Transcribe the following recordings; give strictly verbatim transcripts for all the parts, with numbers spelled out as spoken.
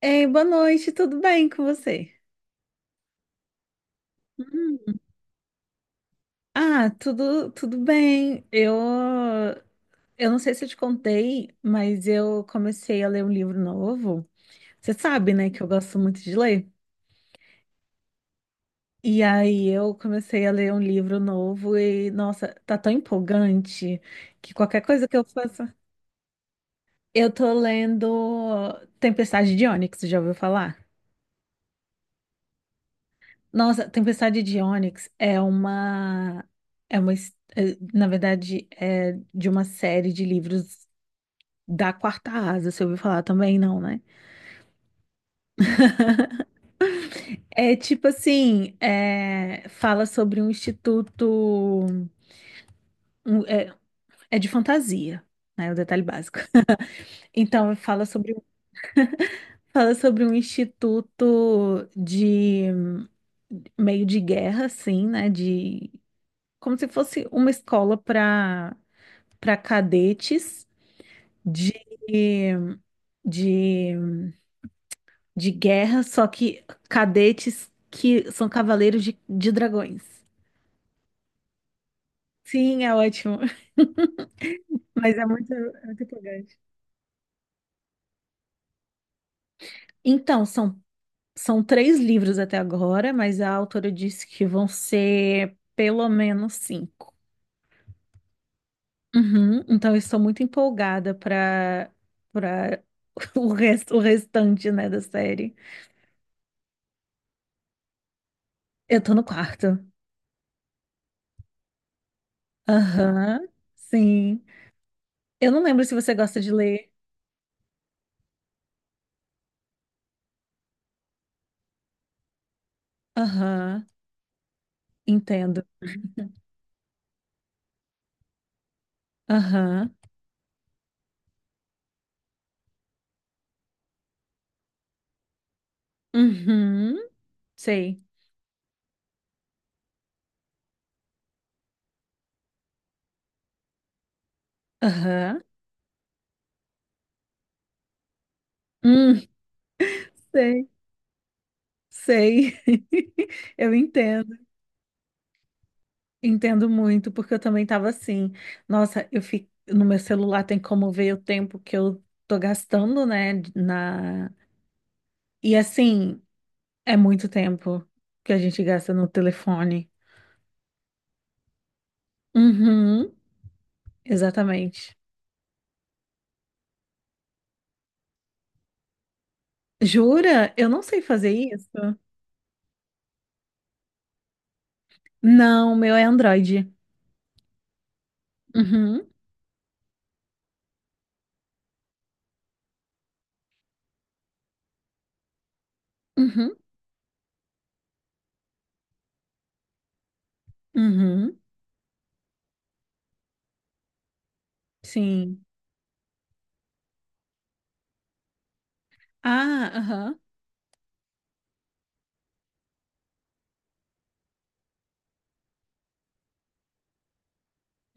Ei, boa noite, tudo bem com você? Hum. Ah, tudo, tudo bem. Eu, eu não sei se eu te contei, mas eu comecei a ler um livro novo. Você sabe, né, que eu gosto muito de ler. E aí eu comecei a ler um livro novo e, nossa, tá tão empolgante que qualquer coisa que eu faça. Eu tô lendo Tempestade de Ônix, já ouviu falar? Nossa, Tempestade de Ônix é uma, é uma, his- é, na verdade, é de uma série de livros da Quarta Asa, você ouviu falar também, não, né? É tipo assim, é, fala sobre um instituto, um- é, é de fantasia, né? O detalhe básico. Então, fala sobre, fala sobre um instituto de meio de guerra, assim, né? De como se fosse uma escola para para cadetes de, de, de guerra, só que cadetes que são cavaleiros de, de dragões. Sim, é ótimo. Mas é muito, é muito empolgante. Então, são, são três livros até agora, mas a autora disse que vão ser pelo menos cinco. Uhum, então, eu estou muito empolgada para para o resto, o restante, né, da série. Eu tô no quarto. Aham, sim. Eu não lembro se você gosta de ler. Aham, entendo. Aham, uhum, sei. Aham, hum, sei, sei. Eu entendo, entendo muito, porque eu também estava assim. Nossa, eu fico no meu celular tem como ver o tempo que eu tô gastando, né, na. E assim, é muito tempo que a gente gasta no telefone. Uhum, exatamente. Jura? Eu não sei fazer isso. Não, o meu é Android. Uhum. Uhum. Uhum, sim. Ah, aham.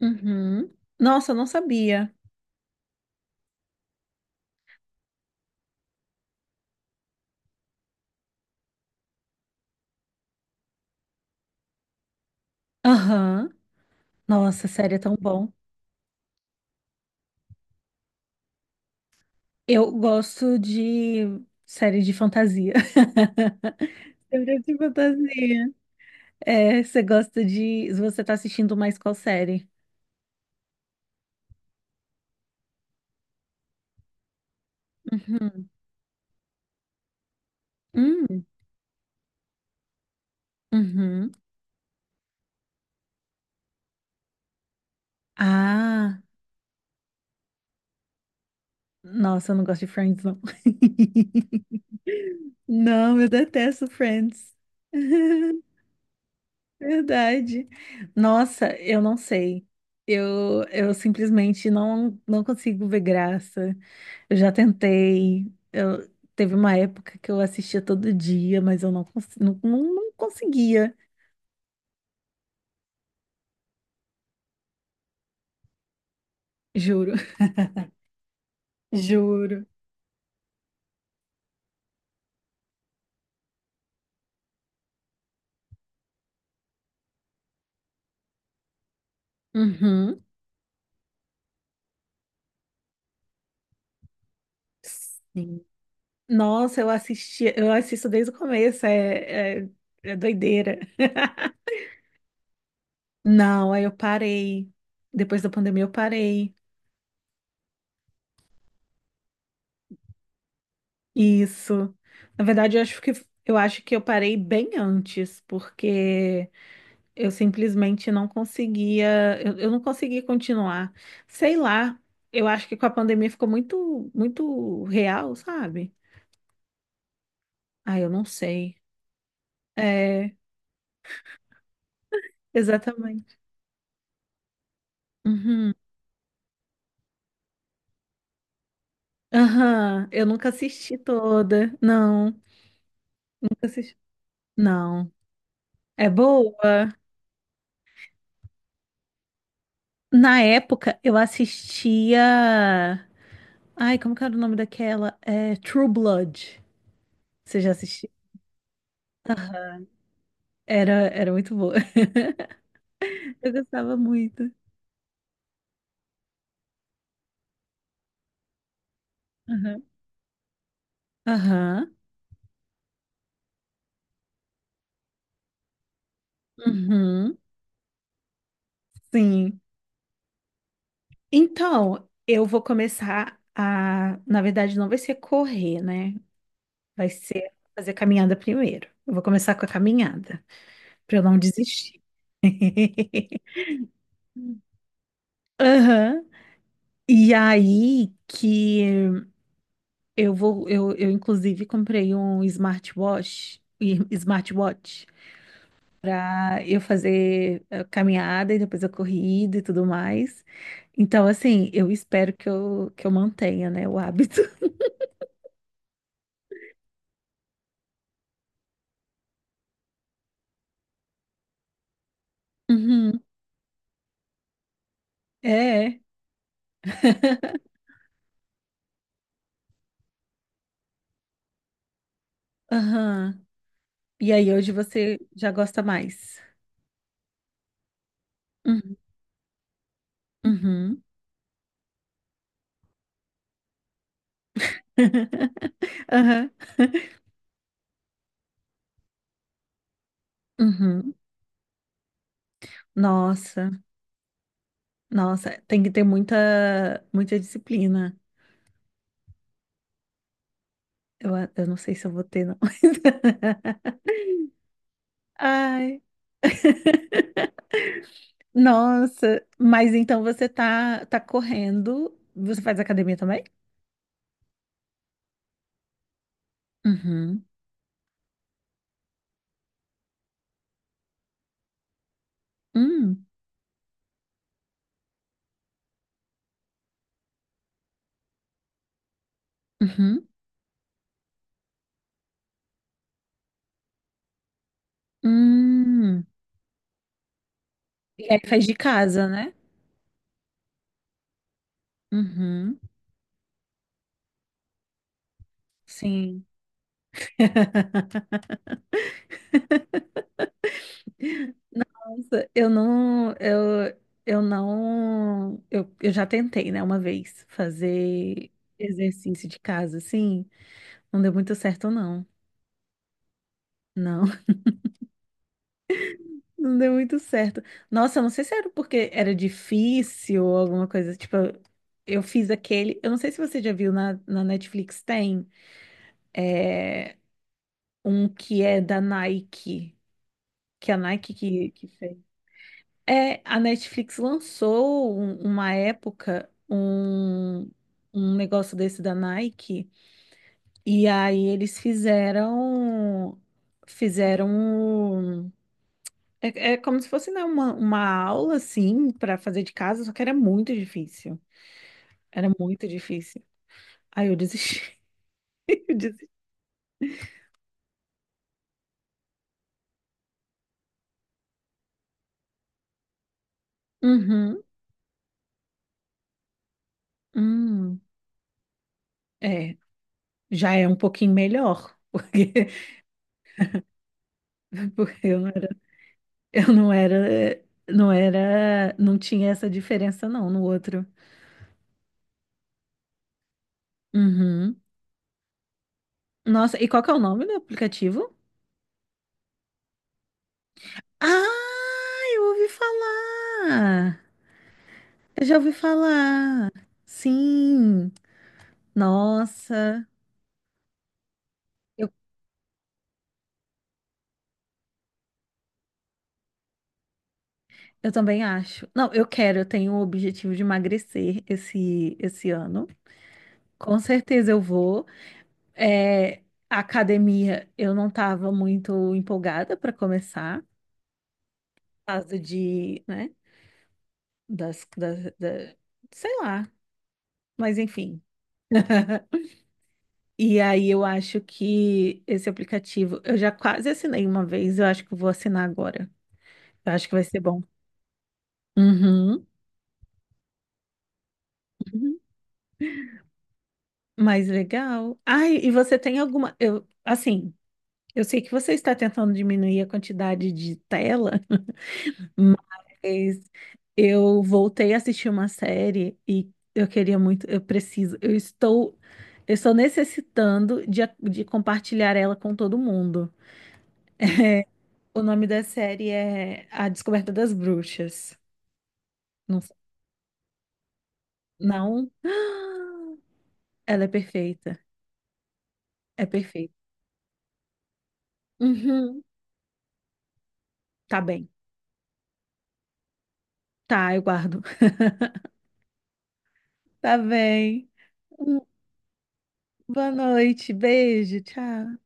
Uhum. Nossa, eu não sabia. Aham. Nossa, série é tão bom. Eu gosto de série de fantasia. Série de fantasia. É, você gosta de. Você tá assistindo mais qual série? Uhum. Hum. Uhum. Ah, nossa, eu não gosto de Friends, não. Não, eu detesto Friends. Verdade. Nossa, eu não sei. Eu, eu simplesmente não, não consigo ver graça. Eu já tentei. Eu, teve uma época que eu assistia todo dia, mas eu não, cons- não, não, não conseguia. Juro. Juro. Uhum. Sim. Nossa, eu assistia, eu assisto desde o começo, é, é, é doideira. Não, aí eu parei. Depois da pandemia eu parei. Isso. Na verdade, eu acho que eu acho que eu parei bem antes, porque eu simplesmente não conseguia, eu, eu não consegui continuar. Sei lá, eu acho que com a pandemia ficou muito, muito real, sabe? Ah, eu não sei. É, exatamente. Uhum. Aham, eu nunca assisti toda. Não, nunca assisti. Não. É boa? Na época, eu assistia. Ai, como que era o nome daquela? É, True Blood. Você já assistiu? Aham. Era, era muito boa. Eu gostava muito. Aham. Aham. Uhum. Sim. Então, eu vou começar a. Na verdade, não vai ser correr, né? Vai ser fazer caminhada primeiro. Eu vou começar com a caminhada, para eu não desistir. Aham. E aí que eu vou. Eu, eu, inclusive, comprei um smartwatch. e- Smartwatch. Para eu fazer eh, caminhada e depois a corrida e tudo mais. Então, assim, eu espero que eu, que eu mantenha, né, o hábito. Uhum. É, aham. E aí, hoje você já gosta mais. Uhum. Uhum. Aham. Uhum. Nossa, nossa, tem que ter muita, muita disciplina. Eu, a- eu não sei se eu vou ter, não. Ai, nossa, mas então você tá, tá correndo. Você faz academia também? Uhum. Hum. Uhum. Hum. E aí faz de casa, né? Uhum. Sim. Nossa, eu não, eu, eu não, eu, eu já tentei, né, uma vez fazer exercício de casa, assim, não deu muito certo, não. Não, não deu muito certo. Nossa, eu não sei se era porque era difícil ou alguma coisa, tipo, eu fiz aquele, eu não sei se você já viu na, na Netflix, tem, é, um que é da Nike. Que a Nike que, que fez. É, a Netflix lançou um- uma época um, um negócio desse da Nike e aí eles fizeram fizeram um- é, é como se fosse né, uma, uma aula assim para fazer de casa, só que era muito difícil. Era muito difícil. Aí eu desisti. Eu desisti. Uhum. Hum. É, já é um pouquinho melhor, porque, porque eu não eu não era, não era, não tinha essa diferença não no outro. Uhum. Nossa, e qual que é o nome do aplicativo? Ah, eu ouvi falar. Eu já ouvi falar. Sim. Nossa. Eu, eu também acho. Não, eu quero, eu tenho o objetivo de emagrecer esse esse ano. Com certeza eu vou. É, a academia, eu não estava muito empolgada para começar, por causa de, né? das, das, da- Sei lá, mas enfim. E aí eu acho que esse aplicativo, eu já quase assinei uma vez, eu acho que eu vou assinar agora. Eu acho que vai ser bom. Uhum. Uhum. Mas legal. Ai, e você tem alguma, eu, assim, eu sei que você está tentando diminuir a quantidade de tela. Mas eu voltei a assistir uma série e eu queria muito, eu preciso, eu estou, eu estou necessitando de, a- de compartilhar ela com todo mundo. O nome da série é A Descoberta das Bruxas. Não, não, ela é perfeita. É perfeita. Uhum. Tá bem. Tá, eu guardo. Tá bem. Hum. Boa noite. Beijo. Tchau.